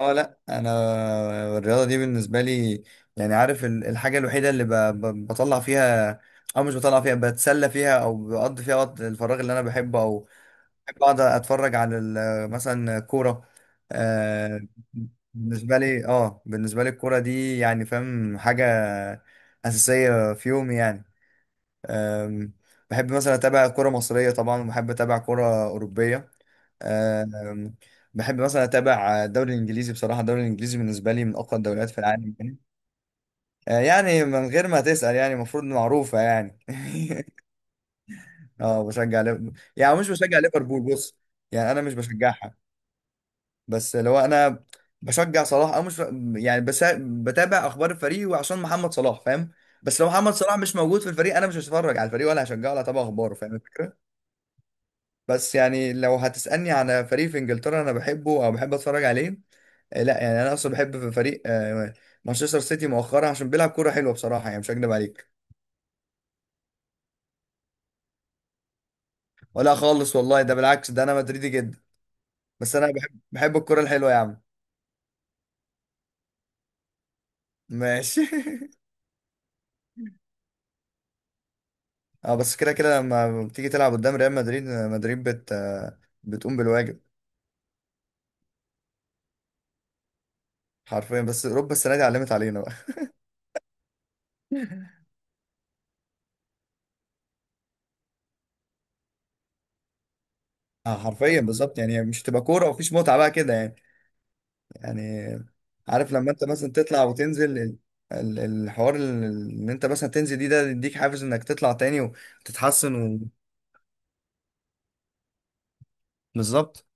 اه لا، انا الرياضه دي بالنسبه لي يعني عارف الحاجه الوحيده اللي بطلع فيها، او مش بطلع فيها، بتسلى فيها او بقضي فيها وقت الفراغ اللي انا بحبه، او بحب اقعد اتفرج على مثلا كوره. آه بالنسبه لي الكوره دي يعني فاهم حاجه اساسيه في يومي يعني، آم، بحب مثلا اتابع كوره مصريه طبعا، وبحب اتابع كوره اوروبيه. آم، بحب مثلا اتابع الدوري الانجليزي، بصراحه الدوري الانجليزي بالنسبه لي من اقوى الدوريات في العالم يعني. يعني من غير ما تسال، يعني المفروض معروفه يعني. اه بشجع ليفربول، يعني مش بشجع ليفربول. بص، يعني انا مش بشجعها. بس لو انا بشجع صلاح او مش، يعني بس بتابع اخبار الفريق وعشان محمد صلاح فاهم. بس لو محمد صلاح مش موجود في الفريق، انا مش هتفرج على الفريق ولا هشجعه ولا هتابع اخباره، فاهم الفكره. بس يعني لو هتسالني على فريق في انجلترا انا بحبه او بحب اتفرج عليه، لا يعني انا اصلا بحب في فريق، مانشستر سيتي مؤخرا عشان بيلعب كوره حلوه، بصراحه يعني مش هكدب عليك. ولا خالص والله، ده بالعكس، ده انا مدريدي جدا. بس انا بحب الكوره الحلوه يا عم. ماشي. اه بس كده كده، لما بتيجي تلعب قدام ريال مدريد، مدريد بت آه، بتقوم بالواجب. حرفيا، بس اوروبا السنه دي علمت علينا بقى. اه حرفيا بالظبط، يعني مش هتبقى كوره ومفيش متعه بقى كده يعني. يعني عارف لما انت مثلا تطلع وتنزل الحوار، ان انت مثلا تنزل دي، ده يديك حافز انك تطلع تاني وتتحسن و... بالظبط.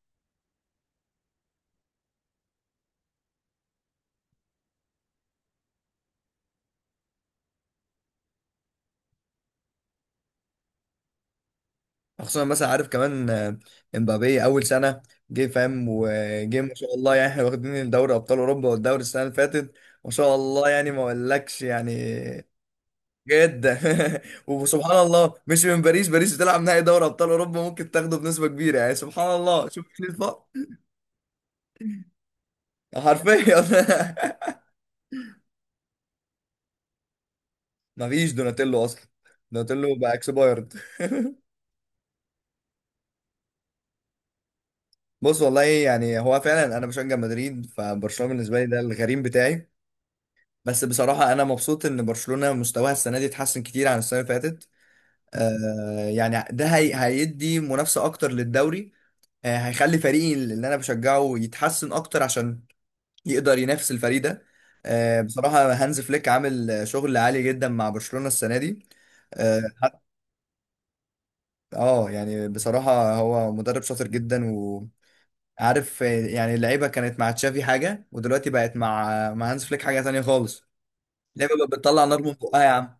خصوصا مثلا عارف كمان، امبابي اول سنه جه فاهم، وجه ما شاء الله، يعني احنا واخدين دوري ابطال اوروبا والدوري السنه اللي فاتت. ما شاء الله، يعني ما اقولكش يعني. جدا. وسبحان الله، مش من باريس؟ باريس بتلعب نهائي دوري ابطال اوروبا، ممكن تاخده بنسبه كبيره يعني. سبحان الله، شوف الفرق. حرفيا. مفيش دوناتيلو اصلا، دوناتيلو بقى اكسبايرد. بص والله، يعني هو فعلا انا بشجع مدريد، فبرشلونه بالنسبه لي ده الغريم بتاعي. بس بصراحه انا مبسوط ان برشلونه مستواها السنه دي اتحسن كتير عن السنه اللي فاتت. آه يعني ده هي هيدي منافسه اكتر للدوري، آه هيخلي فريقي اللي انا بشجعه يتحسن اكتر عشان يقدر ينافس الفريق ده. آه بصراحه هانز فليك عامل شغل عالي جدا مع برشلونه السنه دي. آه، اه يعني بصراحة هو مدرب شاطر جدا. عارف يعني اللعيبه كانت مع تشافي حاجه، ودلوقتي بقت مع هانز فليك حاجه تانية خالص. اللعيبه بقت بتطلع نار من بقها يا عم.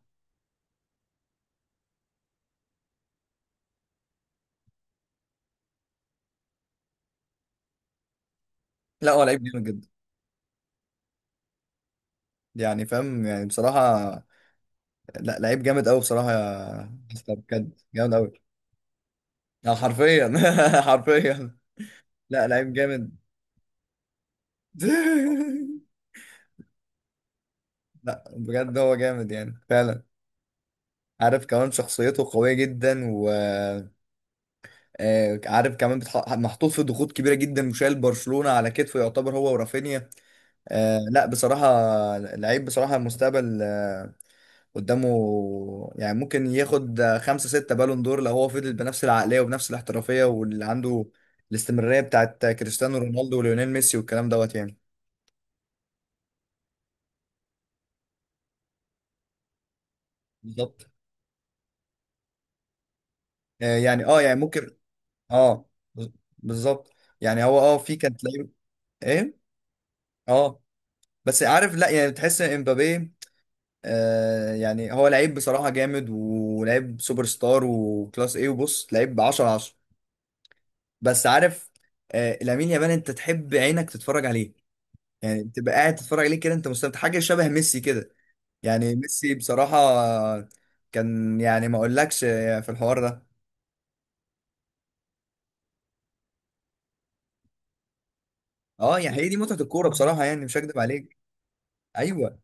لا، هو لعيب جامد جدا، يعني فاهم يعني بصراحه. لا لعيب جامد قوي بصراحه يا حسام، بجد جامد قوي، يعني حرفيا. حرفيا. لا لعيب جامد. لا بجد هو جامد يعني فعلا. عارف كمان شخصيته قوية جدا، و عارف كمان محطوط في ضغوط كبيرة جدا، وشايل برشلونة على كتفه، يعتبر هو ورافينيا. آه لا، بصراحة لعيب بصراحة، المستقبل قدامه. يعني ممكن ياخد، خمسة ستة بالون دور، لو هو فضل بنفس العقلية وبنفس الاحترافية واللي عنده الاستمرارية بتاعت كريستيانو رونالدو وليونيل ميسي والكلام دوت يعني. بالظبط. آه يعني، اه يعني ممكن، اه، بز- بالظبط. يعني هو، اه، في كانت لعيب ايه، اه، بس عارف، لا يعني بتحس ان امبابي، يعني هو لعيب بصراحة جامد، ولعيب سوبر ستار وكلاس ايه، وبص لعيب 10 10. بس عارف، لامين يامال انت تحب عينك تتفرج عليه، يعني تبقى قاعد تتفرج عليه كده انت مستمتع، حاجه شبه ميسي كده. يعني ميسي بصراحه كان، يعني ما اقولكش في الحوار ده. اه يعني هي دي متعه الكوره بصراحه، يعني مش هكدب عليك. ايوه،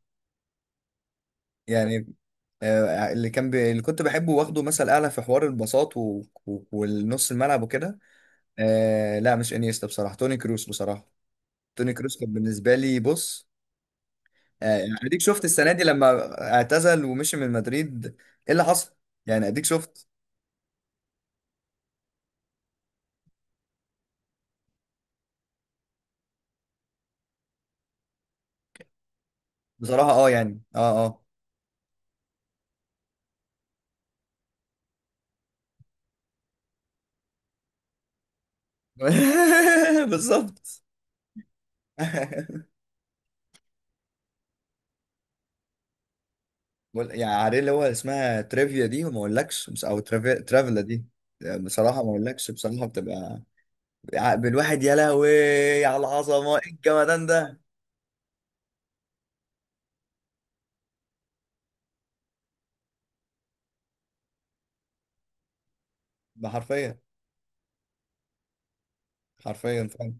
يعني آه اللي كان اللي كنت بحبه واخده مثل اعلى في حوار البساط والنص الملعب وكده. آه لا مش انيستا، بصراحه توني كروس بصراحه. توني كروس كان بالنسبه لي، بص يعني اديك شفت السنه دي لما اعتزل ومشي من مدريد، ايه اللي حصل؟ يعني اديك شفت. بصراحه بالظبط. يعني عارف اللي هو اسمها تريفيا دي وما اقولكش، ترافلا دي. بصراحه ما اقولكش، بصراحه بتبقى عقل الواحد، يا لهوي على العظمه، ايه الجمدان ده. ده حرفيا. حرفيا فعلا.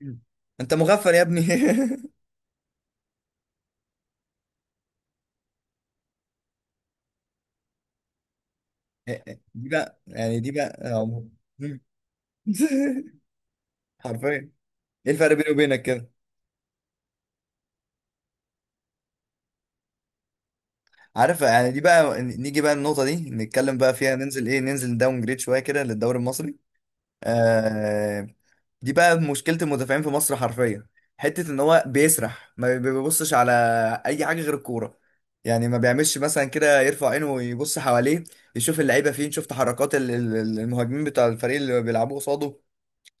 مم. انت مغفل يا ابني. دي بقى مم. حرفيا، ايه الفرق بيني وبينك كده؟ عارف يعني، دي بقى نيجي بقى النقطة دي نتكلم بقى فيها، ننزل داون جريد شوية كده للدوري المصري. آه، دي بقى مشكلة المدافعين في مصر حرفيا، حتة ان هو بيسرح ما بيبصش على اي حاجة غير الكورة. يعني ما بيعملش مثلا كده يرفع عينه ويبص حواليه، يشوف اللعيبة فين، يشوف تحركات المهاجمين بتاع الفريق اللي بيلعبوا قصاده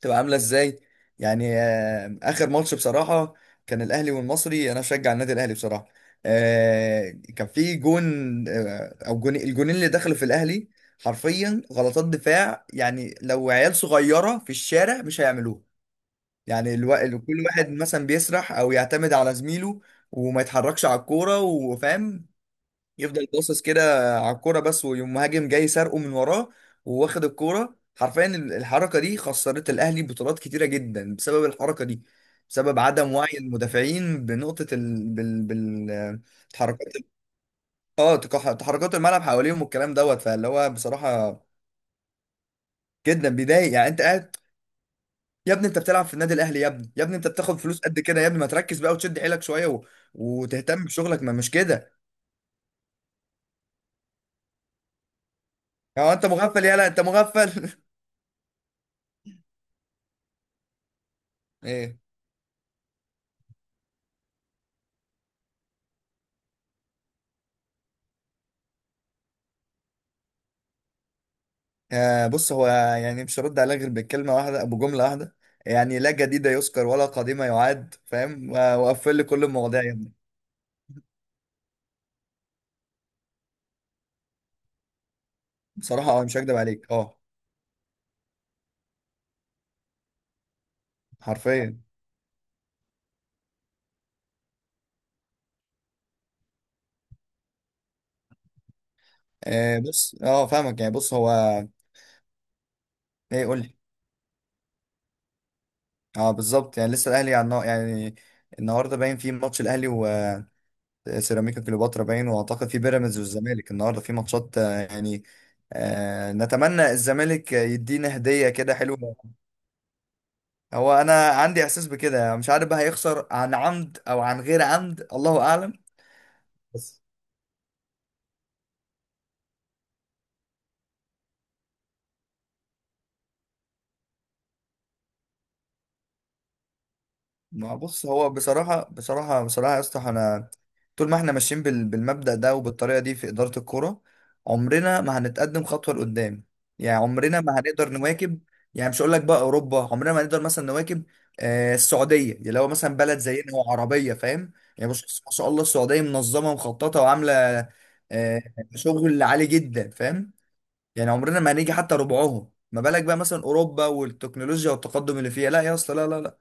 تبقى عامله ازاي. يعني اخر ماتش بصراحه كان الاهلي والمصري، انا بشجع النادي الاهلي بصراحه. آه، كان في جون، او جون، الجونين اللي دخلوا في الاهلي حرفيا غلطات دفاع يعني، لو عيال صغيره في الشارع مش هيعملوها. يعني كل واحد مثلا بيسرح او يعتمد على زميله، وما يتحركش على الكوره، وفاهم، يفضل باصص كده على الكوره بس، ويقوم مهاجم جاي سارقه من وراه وواخد الكوره. حرفيا الحركه دي خسرت الاهلي بطولات كتيره جدا بسبب الحركه دي، بسبب عدم وعي المدافعين بنقطه تحركات، اه تحركات الملعب حواليهم والكلام دوت. فاللي هو بصراحه جدا بيضايق، يعني انت قاعد يا ابني، انت بتلعب في النادي الاهلي يا ابني يا ابني، انت بتاخد فلوس قد كده يا ابني، ما تركز بقى وتشد حيلك شويه و... وتهتم بشغلك، ما مش كده. يعني هو انت مغفل، يالا انت مغفل. ايه؟ بص هو، يعني مش هرد عليه غير بكلمة واحدة أبو جملة واحدة، يعني لا جديد يذكر ولا قديم يعاد فاهم، وقفل لي كل المواضيع يا ابني. بصراحة مش هكدب عليك حرفيا. بص فاهمك يعني، بص هو، إيه قول لي. بالظبط، يعني لسه الأهلي يعني النهاردة باين في ماتش الأهلي وسيراميكا كليوباترا باين، وأعتقد في بيراميدز والزمالك النهاردة في ماتشات، يعني نتمنى الزمالك يدينا هدية كده حلوة. هو انا عندي احساس بكده يعني، مش عارف بقى هيخسر عن عمد او عن غير عمد، الله اعلم. بس ما بص هو بصراحة بصراحة بصراحة يا اسطى، احنا طول ما احنا ماشيين بالمبدأ ده وبالطريقة دي في إدارة الكورة، عمرنا ما هنتقدم خطوة لقدام. يعني عمرنا ما هنقدر نواكب، يعني مش هقول لك بقى أوروبا، عمرنا ما هنقدر مثلا نواكب. السعودية يعني، لو مثلا بلد زينا وعربية فاهم، يعني بص ما شاء الله السعودية منظمة ومخططة وعاملة آه شغل عالي جدا فاهم. يعني عمرنا ما هنيجي حتى ربعهم، ما بالك بقى مثلا اوروبا والتكنولوجيا والتقدم اللي فيها. لا يا اسطى، لا لا لا.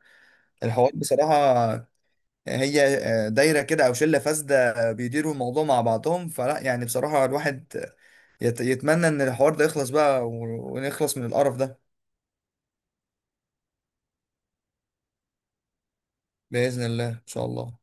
الحوار بصراحه هي دايره كده او شله فاسده بيديروا الموضوع مع بعضهم، فلا يعني بصراحه الواحد يتمنى ان الحوار ده يخلص بقى ونخلص من القرف ده. باذن الله، ان شاء الله.